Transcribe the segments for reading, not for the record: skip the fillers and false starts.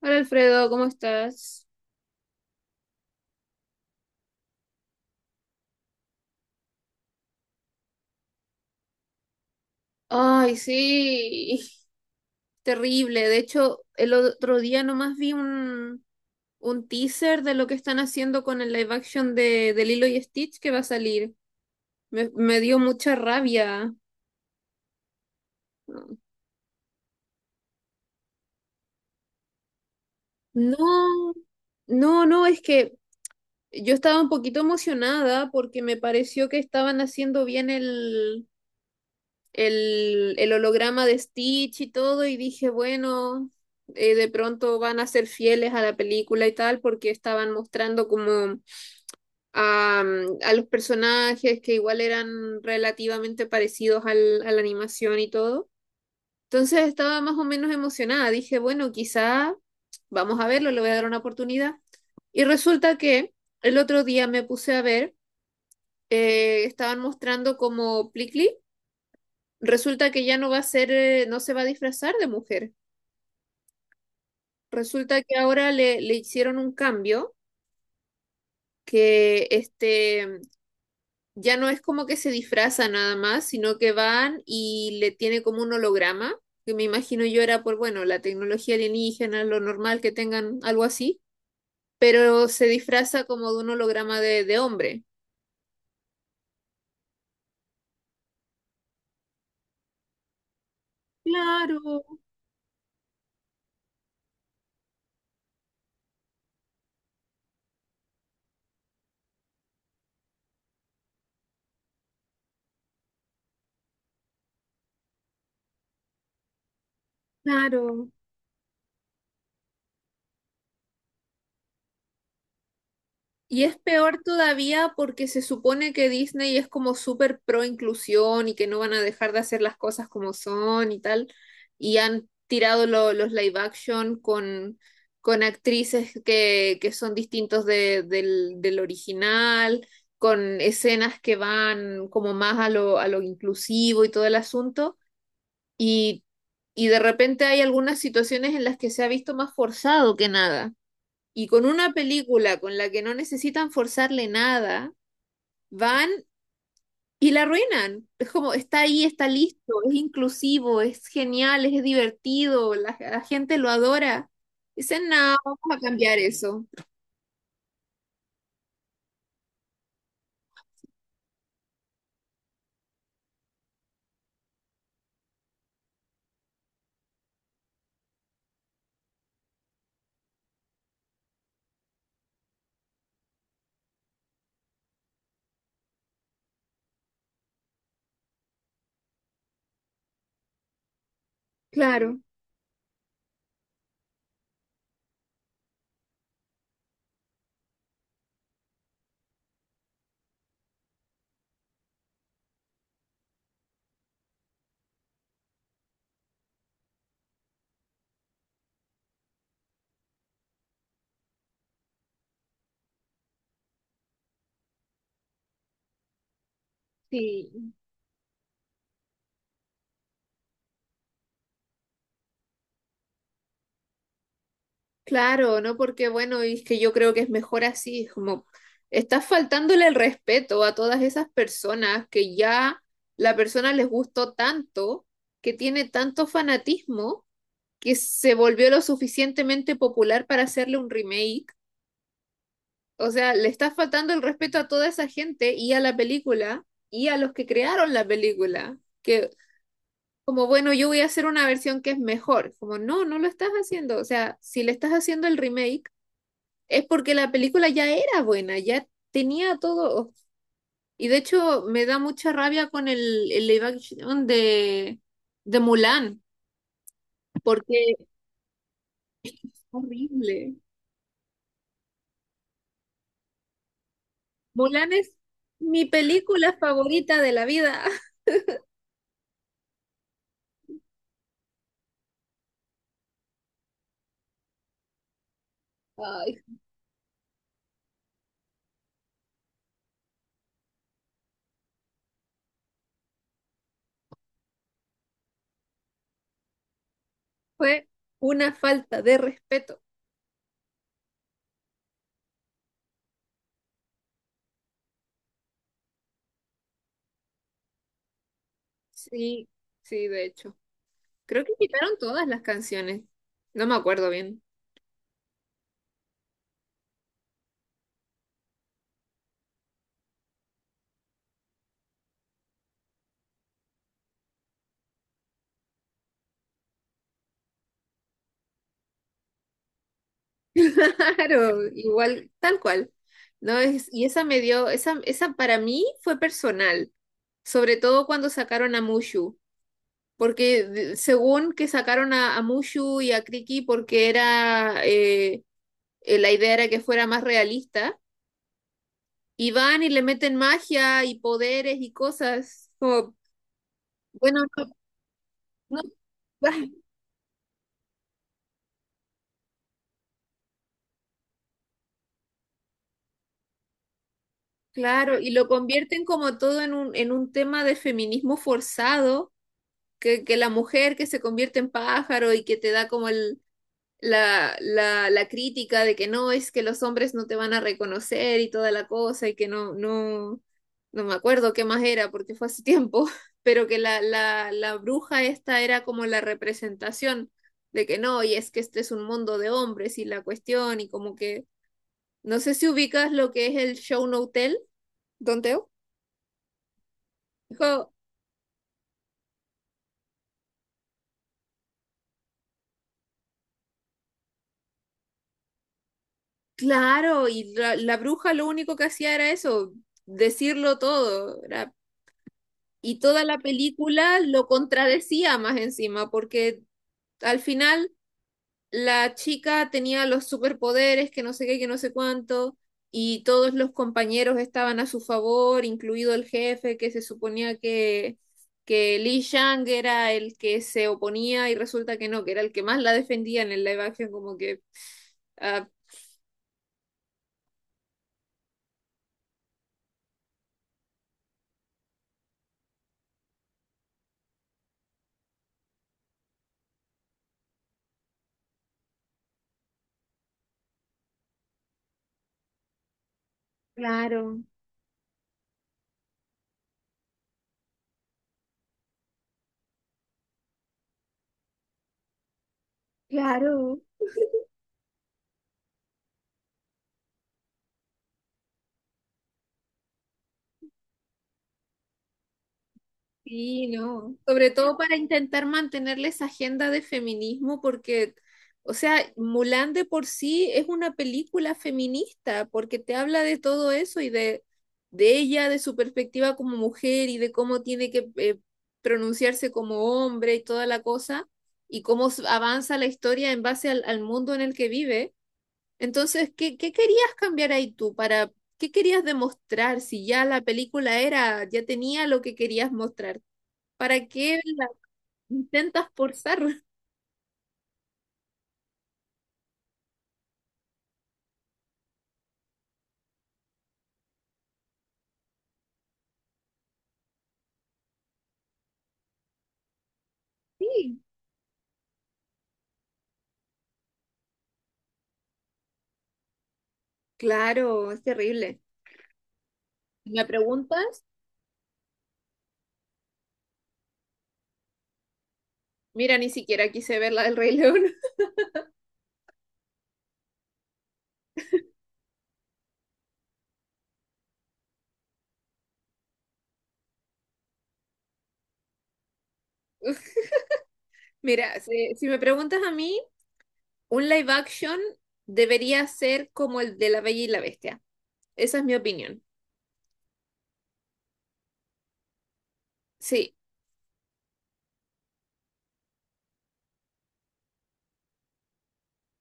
Hola Alfredo, ¿cómo estás? Ay, sí, terrible. De hecho, el otro día nomás vi un teaser de lo que están haciendo con el live action de Lilo y Stitch que va a salir. Me dio mucha rabia. No, no, no, es que yo estaba un poquito emocionada porque me pareció que estaban haciendo bien el holograma de Stitch y todo, y dije, bueno, de pronto van a ser fieles a la película y tal, porque estaban mostrando como a, a los personajes que igual eran relativamente parecidos al, a la animación y todo. Entonces estaba más o menos emocionada, dije, bueno, quizá vamos a verlo, le voy a dar una oportunidad. Y resulta que el otro día me puse a ver, estaban mostrando como Plickly, resulta que ya no va a ser, no se va a disfrazar de mujer. Resulta que ahora le, le hicieron un cambio que este ya no es como que se disfraza nada más, sino que van y le tiene como un holograma, que me imagino yo era por, bueno, la tecnología alienígena, lo normal que tengan algo así, pero se disfraza como de un holograma de hombre. Claro, claro. Y es peor todavía porque se supone que Disney es como súper pro inclusión y que no van a dejar de hacer las cosas como son y tal. Y han tirado lo- los live action con actrices que son distintos de- del, del original, con escenas que van como más a lo inclusivo y todo el asunto. Y, y de repente hay algunas situaciones en las que se ha visto más forzado que nada y con una película con la que no necesitan forzarle nada, van y la arruinan. Es como, está ahí, está listo, es inclusivo, es genial, es divertido, la gente lo adora. Dicen, no, vamos a cambiar eso. Claro, sí, claro, no porque, bueno, y es que yo creo que es mejor así, es como, estás faltándole el respeto a todas esas personas que ya la persona les gustó tanto, que tiene tanto fanatismo que se volvió lo suficientemente popular para hacerle un remake. O sea, le está faltando el respeto a toda esa gente y a la película y a los que crearon la película. Que como, bueno, yo voy a hacer una versión que es mejor. Como, no, no lo estás haciendo. O sea, si le estás haciendo el remake, es porque la película ya era buena, ya tenía todo. Y de hecho, me da mucha rabia con el live action de Mulan, porque es horrible. Mulan es mi película favorita de la vida. Ay, fue una falta de respeto. Sí, sí, de hecho. Creo que quitaron todas las canciones. No me acuerdo bien. Claro, igual, tal cual. No es, y esa me dio, esa para mí fue personal, sobre todo cuando sacaron a Mushu, porque de- según que sacaron a Mushu y a Kriki porque era la idea era que fuera más realista. Y van y le meten magia y poderes y cosas. Como, bueno, no, no, ah, claro, y lo convierten como todo en un tema de feminismo forzado, que la mujer que se convierte en pájaro y que te da como el, la, la crítica de que no, es que los hombres no te van a reconocer y toda la cosa y que no, no, no me acuerdo qué más era porque fue hace tiempo, pero que la, la bruja esta era como la representación de que no, y es que este es un mundo de hombres y la cuestión y como que, no sé si ubicas lo que es el show no hotel, Don Teo. Dijo, claro, y la bruja lo único que hacía era eso, decirlo todo, era. Y toda la película lo contradecía más encima, porque al final la chica tenía los superpoderes, que no sé qué, que no sé cuánto, y todos los compañeros estaban a su favor, incluido el jefe, que se suponía que Li Shang era el que se oponía, y resulta que no, que era el que más la defendía en el live action, como que... ah, claro, claro. Sí, no. Sobre todo para intentar mantenerle esa agenda de feminismo, porque, o sea, Mulan de por sí es una película feminista, porque te habla de todo eso y de ella, de su perspectiva como mujer y de cómo tiene que pronunciarse como hombre y toda la cosa, y cómo s- avanza la historia en base al, al mundo en el que vive. Entonces, ¿qué, qué querías cambiar ahí tú para, qué querías demostrar si ya la película era, ya tenía lo que querías mostrar? ¿Para qué la intentas forzar? Sí, claro, es terrible. Si me preguntas, mira, ni siquiera quise ver la del Rey León. Mira, si, si me preguntas a mí, un live action debería ser como el de La Bella y la Bestia. Esa es mi opinión. Sí,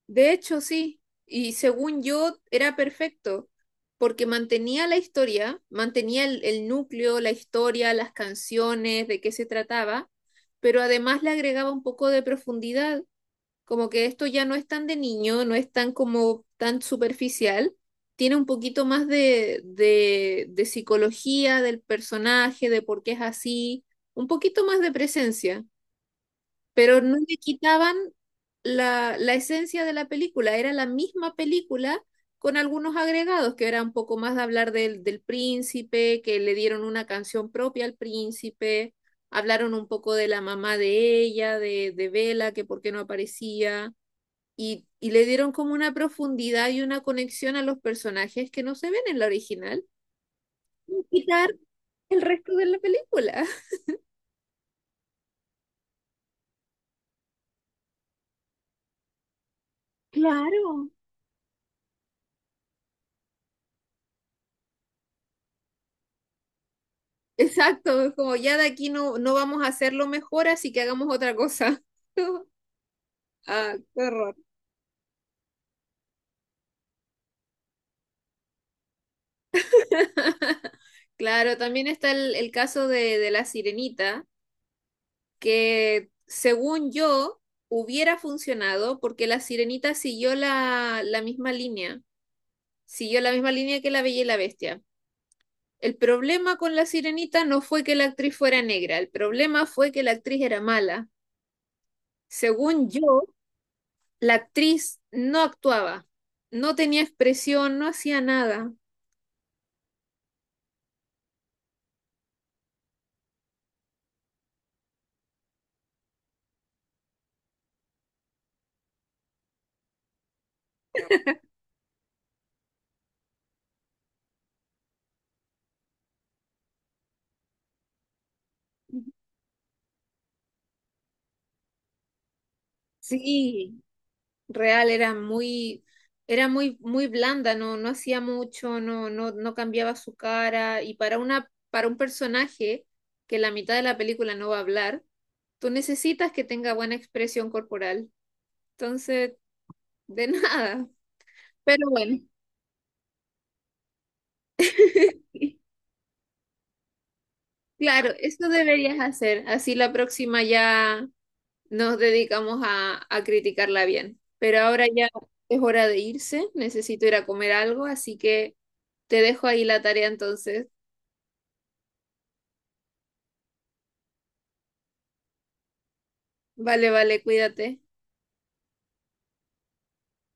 de hecho sí. Y según yo, era perfecto, porque mantenía la historia, mantenía el núcleo, la historia, las canciones, de qué se trataba, pero además le agregaba un poco de profundidad. Como que esto ya no es tan de niño, no es tan como tan superficial, tiene un poquito más de psicología del personaje, de por qué es así, un poquito más de presencia, pero no le quitaban la, la esencia de la película, era la misma película con algunos agregados, que era un poco más de hablar del, del príncipe, que le dieron una canción propia al príncipe, hablaron un poco de la mamá de ella, de Bella, que por qué no aparecía y le dieron como una profundidad y una conexión a los personajes que no se ven en la original, sin quitar el resto de la película. Claro. Exacto, es como ya de aquí no, no vamos a hacerlo mejor, así que hagamos otra cosa. Ah, qué horror. Claro, también está el caso de la sirenita, que según yo hubiera funcionado porque la sirenita siguió la, la misma línea, siguió la misma línea que la Bella y la Bestia. El problema con La Sirenita no fue que la actriz fuera negra, el problema fue que la actriz era mala. Según yo, la actriz no actuaba, no tenía expresión, no hacía nada. Sí, real era muy muy blanda, no no hacía mucho, no no no cambiaba su cara y para una para un personaje que la mitad de la película no va a hablar, tú necesitas que tenga buena expresión corporal. Entonces, de nada. Pero bueno. Claro, eso deberías hacer. Así la próxima ya nos dedicamos a criticarla bien. Pero ahora ya es hora de irse. Necesito ir a comer algo, así que te dejo ahí la tarea entonces. Vale, vale, cuídate.